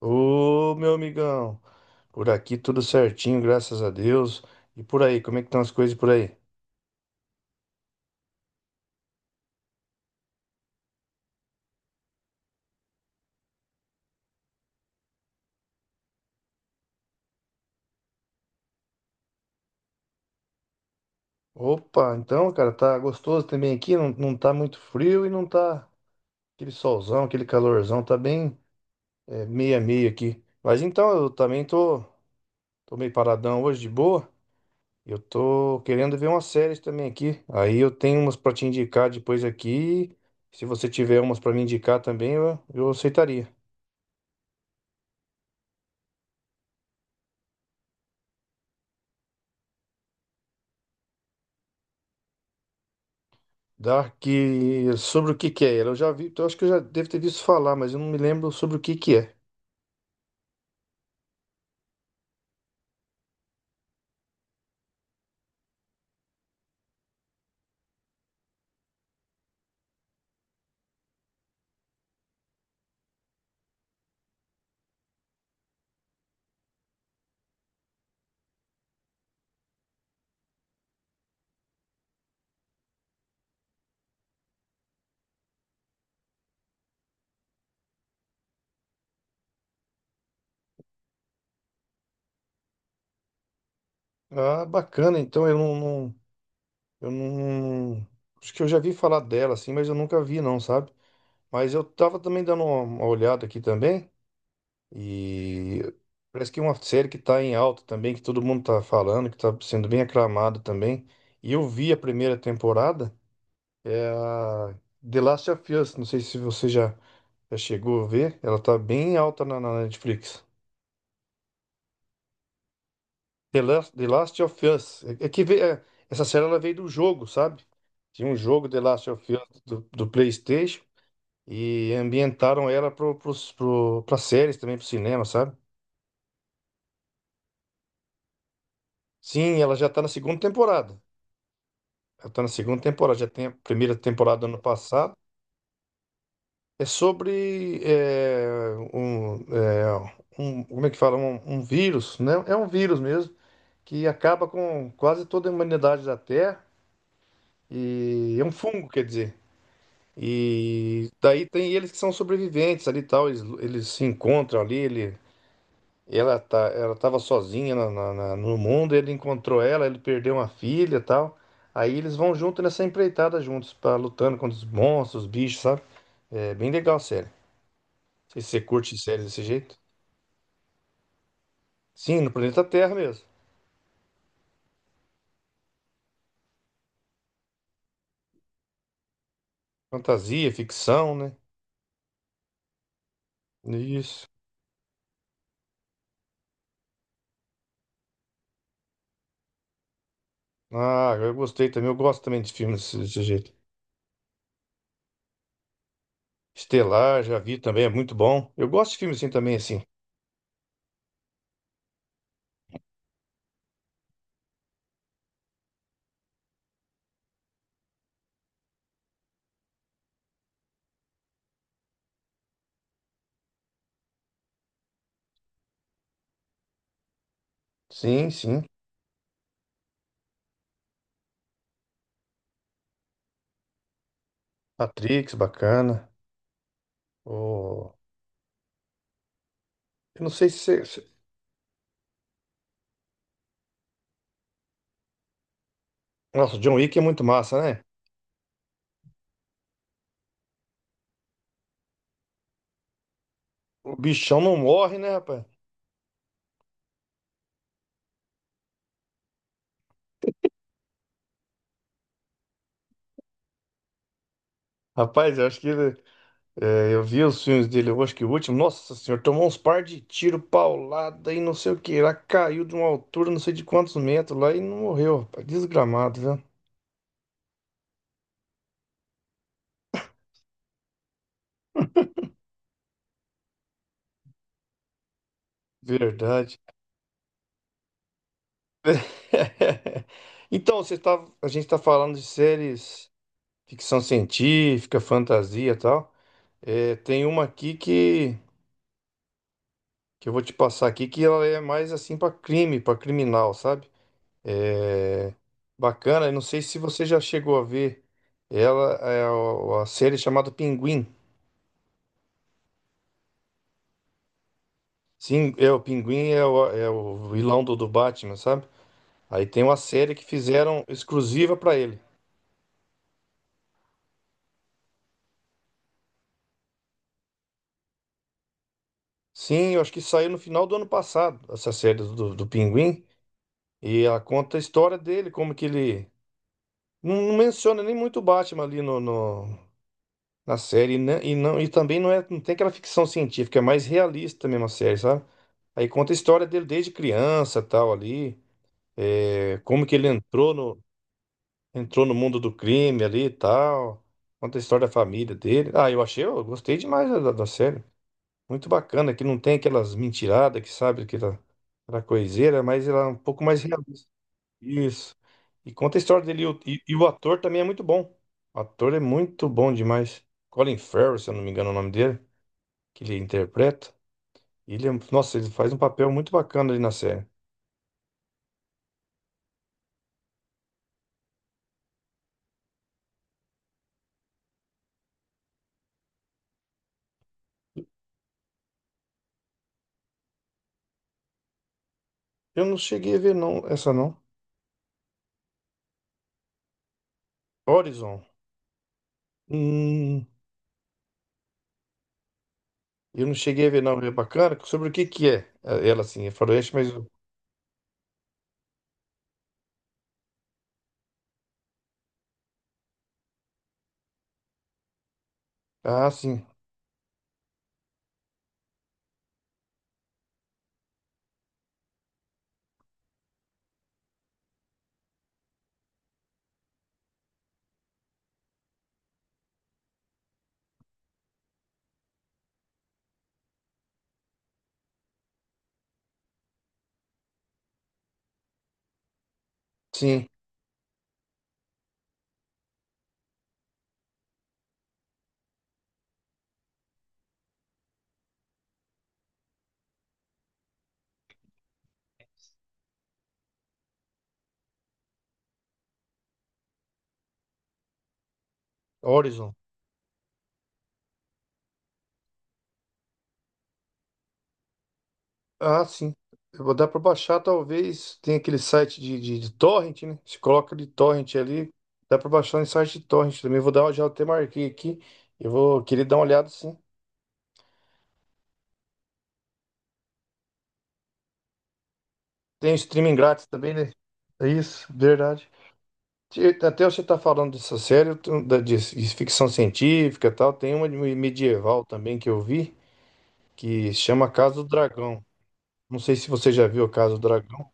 Ô, meu amigão, por aqui tudo certinho, graças a Deus. E por aí, como é que estão as coisas por aí? Opa, então, cara, tá gostoso também aqui, não tá muito frio e não tá aquele solzão, aquele calorzão, tá bem meia meia aqui. Mas então, eu também tô meio paradão hoje de boa. Eu tô querendo ver umas séries também aqui. Aí eu tenho umas pra te indicar depois aqui. Se você tiver umas pra me indicar também, eu aceitaria. Dark, sobre o que que é ela? Eu já vi, eu acho que eu já devo ter visto falar, mas eu não me lembro sobre o que que é. Ah, bacana, então eu não, não- eu não, acho que eu já vi falar dela assim, mas eu nunca vi não, sabe? Mas eu tava também dando uma olhada aqui também e parece que é uma série que tá em alta também, que todo mundo tá falando, que tá sendo bem aclamada também. E eu vi a primeira temporada, é a The Last of Us, não sei se você já chegou a ver, ela tá bem alta na Netflix. The Last of Us. É que essa série ela veio do jogo, sabe? Tinha um jogo The Last of Us do PlayStation e ambientaram ela pra séries também, pro cinema, sabe? Sim, ela já tá na segunda temporada. Ela tá na segunda temporada, já tem a primeira temporada do ano passado. É sobre é, um- Como é que fala? Um vírus, né? É um vírus mesmo, que acaba com quase toda a humanidade da Terra. E é um fungo, quer dizer. E daí tem eles que são sobreviventes ali e tal, eles se encontram ali, ela tava sozinha no mundo, ele encontrou ela, ele perdeu uma filha e tal. Aí eles vão junto nessa empreitada juntos, pra, lutando contra os monstros, os bichos, sabe? É bem legal a série. Não sei se você curte séries desse jeito. Sim, no planeta Terra mesmo. Fantasia, ficção, né? Isso. Ah, eu gostei também. Eu gosto também de filmes desse jeito. Estelar, já vi também, é muito bom. Eu gosto de filmes assim também, assim. Sim, sim. Matrix, bacana. O... Eu não sei se... Nossa, John Wick é muito massa, né? O bichão não morre, né, rapaz? Rapaz, eu acho que eu vi os filmes dele, eu acho que o último, nossa senhora, tomou uns par de tiro, paulada e não sei o que. Lá caiu de uma altura, não sei de quantos metros lá e não morreu, rapaz. Desgramado, viu? Verdade. Então, você tá, a gente está falando de séries, ficção científica, fantasia e tal. É, tem uma aqui que eu vou te passar aqui, que ela é mais assim pra crime, pra criminal, sabe? É bacana, eu não sei se você já chegou a ver ela, é a série chamada Pinguim. Sim, é o Pinguim é o vilão do, Batman, sabe? Aí tem uma série que fizeram exclusiva pra ele. Sim, eu acho que saiu no final do ano passado, essa série do, Pinguim, e ela conta a história dele, como que ele não menciona nem muito o Batman ali na série. E também não não tem aquela ficção científica, é mais realista mesmo a série, sabe? Aí conta a história dele desde criança, tal, ali. É, como que ele entrou no mundo do crime ali e tal. Conta a história da família dele. Ah, eu achei, eu gostei demais da série. Muito bacana, que não tem aquelas mentiradas que sabe que era, era coiseira, mas ela é um pouco mais realista. Isso. E conta a história dele. E o ator também é muito bom. O ator é muito bom demais. Colin Farrell, se eu não me engano é o nome dele que ele interpreta. Nossa, ele faz um papel muito bacana ali na série. Eu não cheguei a ver não, essa não. Horizon. Hum, eu não cheguei a ver não, é bacana. Sobre o que que é? Ah, ela assim, é faroeste, mas ah, sim. Sim, Horizon. Ah, sim. Eu vou dar para baixar, talvez. Tem aquele site de torrent, né? Se coloca de torrent ali, dá para baixar em site de torrent também. Vou dar, uma já até marquei aqui. Eu vou querer dar uma olhada, sim. Tem o streaming grátis também, né? É isso, verdade. Até você está falando dessa série eu de ficção científica e tal, tem uma de medieval também que eu vi, que chama Casa do Dragão. Não sei se você já viu Casa do Dragão.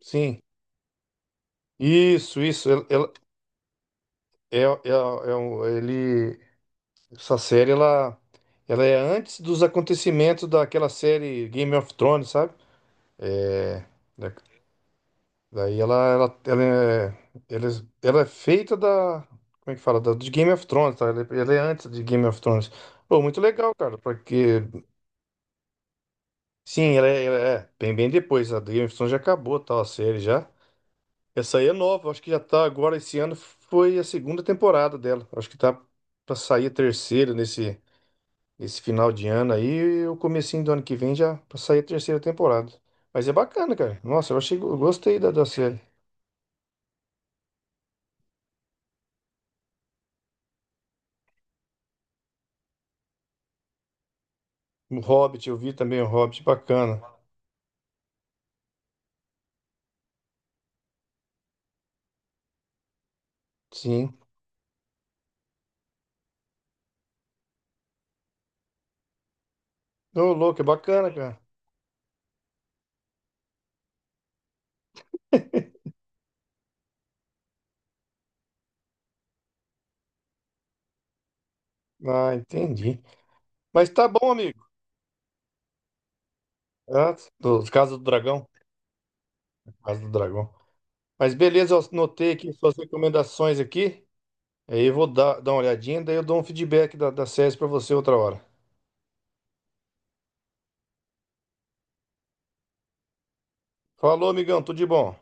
Sim, isso, isso. É, é, é um- ele, essa série ela é antes dos acontecimentos daquela série Game of Thrones, sabe? É, Daí ela ela é feita da. Como é que fala? Da, de Game of Thrones, tá? Ela é antes de Game of Thrones. Pô, muito legal, cara, porque. Sim, ela é bem, bem depois. A Game of Thrones já acabou, tal, a série já. Essa aí é nova, acho que já tá agora esse ano. Foi a segunda temporada dela. Acho que tá pra sair a terceira nesse final de ano aí. E o comecinho do ano que vem já pra sair a terceira temporada. Mas é bacana, cara. Nossa, eu achei, eu gostei da série. O Hobbit, eu vi também o Hobbit, bacana. Sim. Ô, louco, é bacana, cara. Ah, entendi. Mas tá bom, amigo. Ah, do, caso do dragão. Caso do dragão. Mas beleza, eu anotei aqui suas recomendações aqui. Aí eu vou dar uma olhadinha, daí eu dou um feedback da série pra você outra hora. Falou, amigão, tudo de bom.